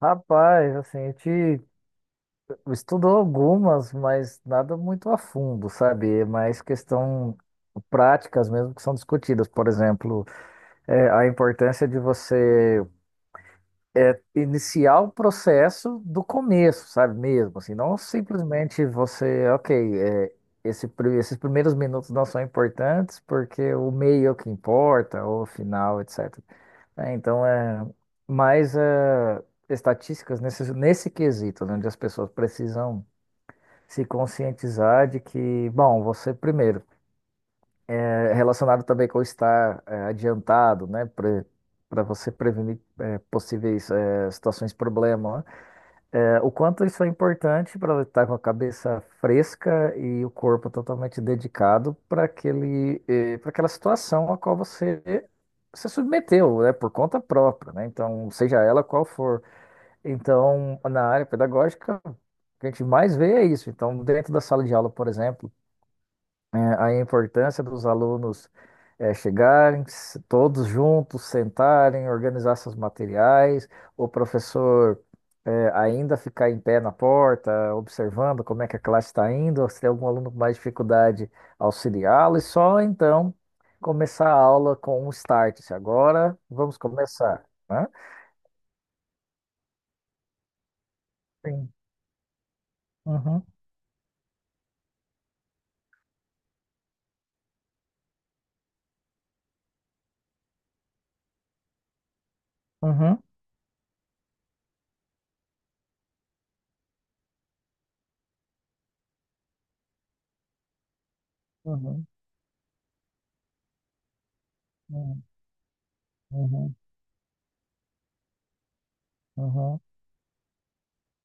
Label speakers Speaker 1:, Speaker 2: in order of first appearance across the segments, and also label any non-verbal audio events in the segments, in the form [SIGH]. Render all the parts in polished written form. Speaker 1: Rapaz, assim, a gente estudou algumas, mas nada muito a fundo, sabe? É mais questão práticas mesmo que são discutidas. Por exemplo, a importância de você iniciar o processo do começo, sabe? Mesmo, assim, não simplesmente você, ok, é, esses primeiros minutos não são importantes porque o meio é o que importa, ou o final, etc. Então é mais estatísticas nesse, nesse quesito, né, onde as pessoas precisam se conscientizar de que, bom, você primeiro, é relacionado também com estar adiantado, né, para você prevenir possíveis situações problema, né? O quanto isso é importante para estar com a cabeça fresca e o corpo totalmente dedicado para aquela situação a qual você se submeteu, né, por conta própria, né? Então, seja ela qual for. Então, na área pedagógica, o que a gente mais vê é isso. Então, dentro da sala de aula, por exemplo, aí a importância dos alunos chegarem, todos juntos, sentarem, organizar seus materiais, o professor ainda ficar em pé na porta, observando como é que a classe está indo, se tem algum aluno com mais dificuldade, auxiliá-lo, e só então começar a aula com um start. Se agora vamos começar, né? Sim. Uhum, uhum, uhum, uhum, uhum, uhum.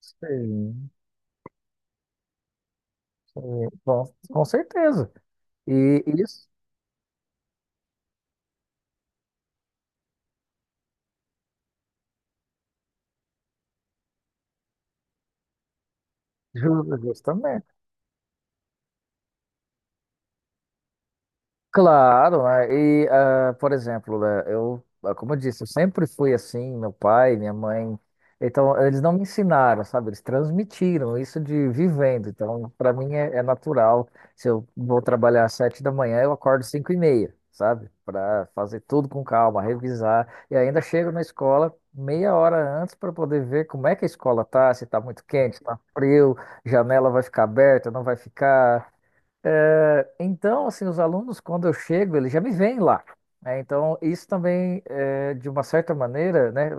Speaker 1: Sim, sim. Bom, com certeza. E isso. Justamente. Claro, né? E, por exemplo, né, eu, como eu disse, eu sempre fui assim, meu pai, minha mãe. Então, eles não me ensinaram, sabe? Eles transmitiram isso de vivendo. Então, para mim é natural. Se eu vou trabalhar às 7 da manhã, eu acordo às 5h30, sabe? Para fazer tudo com calma, revisar. E ainda chego na escola meia hora antes para poder ver como é que a escola tá, se tá muito quente, se tá frio, janela vai ficar aberta, não vai ficar. Então, assim, os alunos, quando eu chego, eles já me veem lá, né? Então, isso também, de uma certa maneira, né,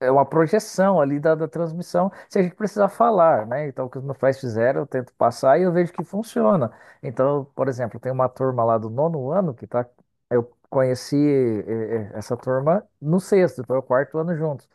Speaker 1: é uma projeção ali da transmissão, se a gente precisar falar, né? Então, o que os meus pais fizeram, eu tento passar e eu vejo que funciona. Então, por exemplo, tem uma turma lá do nono ano que tá, eu conheci essa turma no sexto, foi o quarto ano juntos.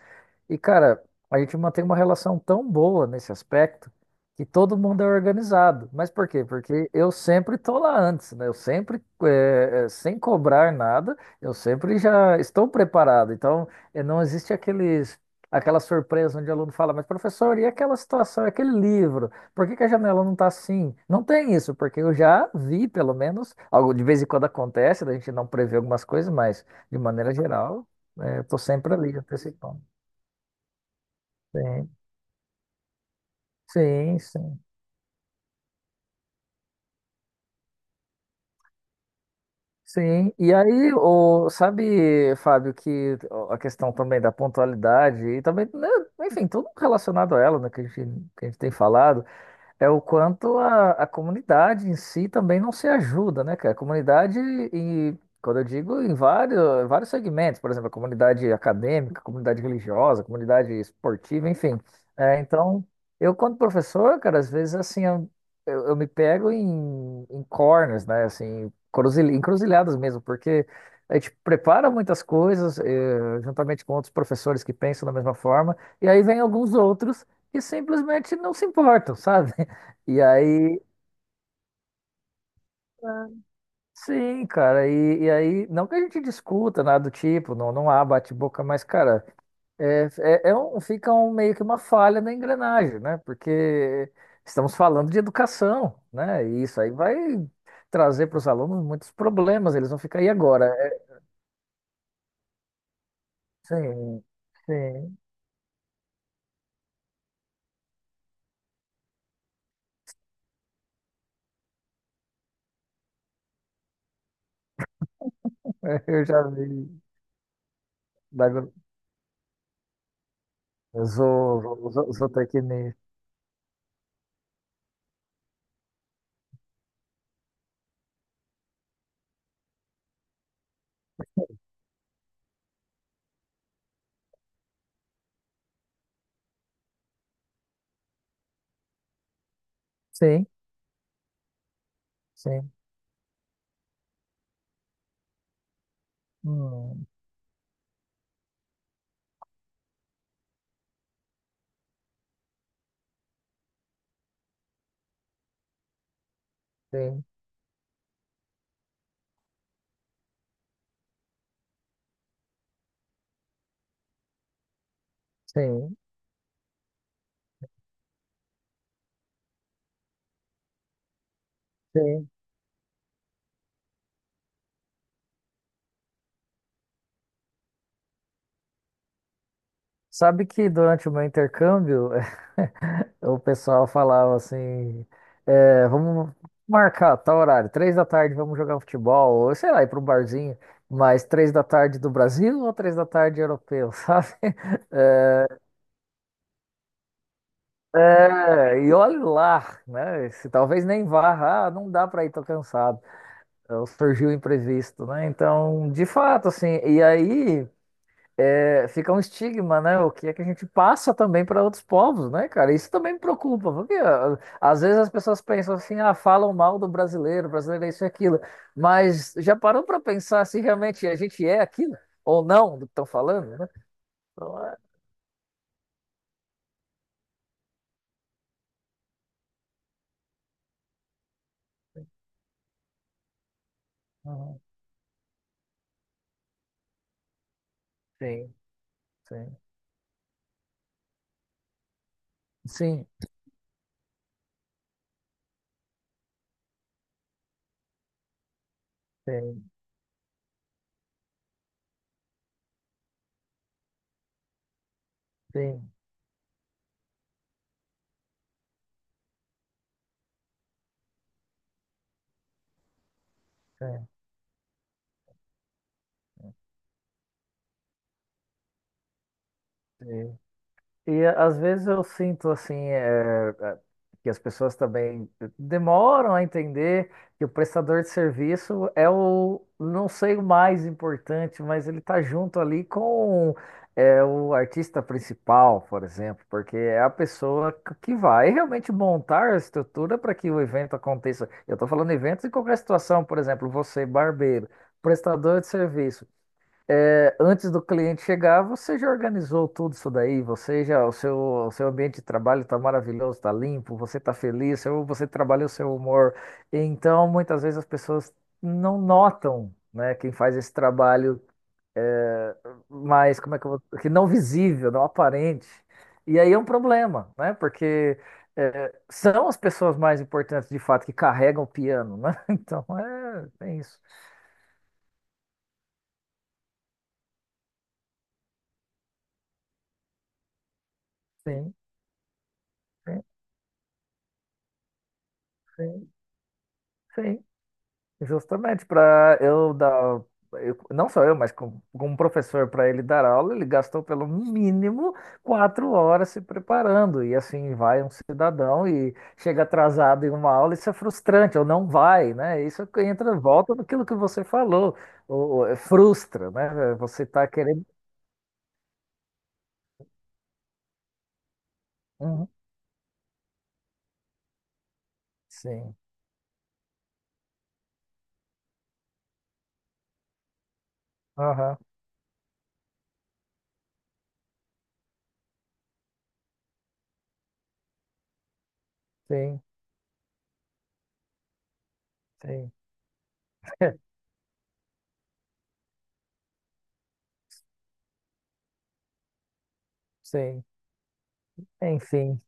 Speaker 1: E, cara, a gente mantém uma relação tão boa nesse aspecto que todo mundo é organizado. Mas por quê? Porque eu sempre tô lá antes, né? Eu sempre, sem cobrar nada, eu sempre já estou preparado. Então, não existe aquela surpresa onde o aluno fala, mas professor, e aquela situação, aquele livro? Por que que a janela não está assim? Não tem isso, porque eu já vi, pelo menos, algo de vez em quando acontece, da gente não prever algumas coisas, mas de maneira geral, eu tô sempre ali, antecipando. Sim. Sim, sim. Sim. E aí, sabe, Fábio, que a questão também da pontualidade e também, né, enfim, tudo relacionado a ela, né, que a gente tem falado. É o quanto a comunidade em si também não se ajuda, né, cara? A comunidade, e quando eu digo em vários, vários segmentos, por exemplo, a comunidade acadêmica, a comunidade religiosa, a comunidade esportiva, enfim. Então, eu, quando professor, cara, às vezes assim, eu me pego em corners, né? Assim, encruzilhadas mesmo, porque a gente prepara muitas coisas, juntamente com outros professores que pensam da mesma forma, e aí vem alguns outros que simplesmente não se importam, sabe? [LAUGHS] E aí, sim, cara, e aí, não que a gente discuta nada do tipo, não, não há bate-boca, mas, cara, é, é um, fica um, meio que uma falha na engrenagem, né? Porque estamos falando de educação, né? E isso aí vai trazer para os alunos muitos problemas, eles vão ficar aí agora. Sim, sim, [LAUGHS] eu já vi da zootecnia. Sim, sim, hum, sim, sim, sim. Sabe que durante o meu intercâmbio, [LAUGHS] o pessoal falava assim, vamos marcar tal horário, 3 da tarde vamos jogar um futebol, ou sei lá, ir para um barzinho, mas 3 da tarde do Brasil ou 3 da tarde europeu, [LAUGHS] sabe? É, e olhe lá, né? Se talvez nem vá, não dá para ir, tô cansado. Então, surgiu o imprevisto, né? Então, de fato, assim, e aí, fica um estigma, né? O que é que a gente passa também para outros povos, né, cara? Isso também me preocupa, porque às vezes as pessoas pensam assim, falam mal do brasileiro, o brasileiro é isso e aquilo, mas já parou para pensar se realmente a gente é aquilo ou não do que estão falando, né? Então, uhum, sim, sim, sim, sim, sim, sim, sim. E às vezes eu sinto assim que as pessoas também demoram a entender que o prestador de serviço não sei o mais importante, mas ele está junto ali com o artista principal, por exemplo, porque é a pessoa que vai realmente montar a estrutura para que o evento aconteça. Eu estou falando eventos em qualquer situação, por exemplo, você, barbeiro, prestador de serviço. Antes do cliente chegar, você já organizou tudo isso daí, o seu ambiente de trabalho está maravilhoso, está limpo, você está feliz, você trabalha o seu humor. Então, muitas vezes as pessoas não notam, né, quem faz esse trabalho mais, como é que eu vou, que não visível, não aparente. E aí é um problema, né, porque são as pessoas mais importantes, de fato, que carregam o piano, né? [LAUGHS] Então, é, tem isso. Sim, sim, sim, sim. Justamente, para não só eu, mas como professor, para ele dar aula, ele gastou pelo mínimo 4 horas se preparando. E assim vai um cidadão e chega atrasado em uma aula, isso é frustrante, ou não vai, né? Isso é que entra, volta naquilo que você falou, ou, frustra, né? Você está querendo. Uhum, sim, aham, sim, sim, [LAUGHS] sim, enfim.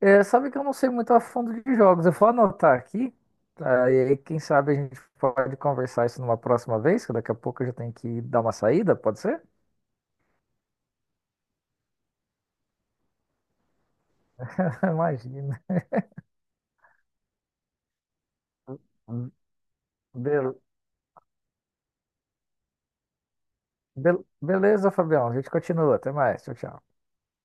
Speaker 1: Sabe que eu não sei muito a fundo de jogos. Eu vou anotar aqui, tá? E aí, quem sabe a gente pode conversar isso numa próxima vez, que daqui a pouco eu já tenho que dar uma saída, pode ser? [LAUGHS] Imagina. Be- beleza, Fabião. A gente continua. Até mais. Tchau, tchau.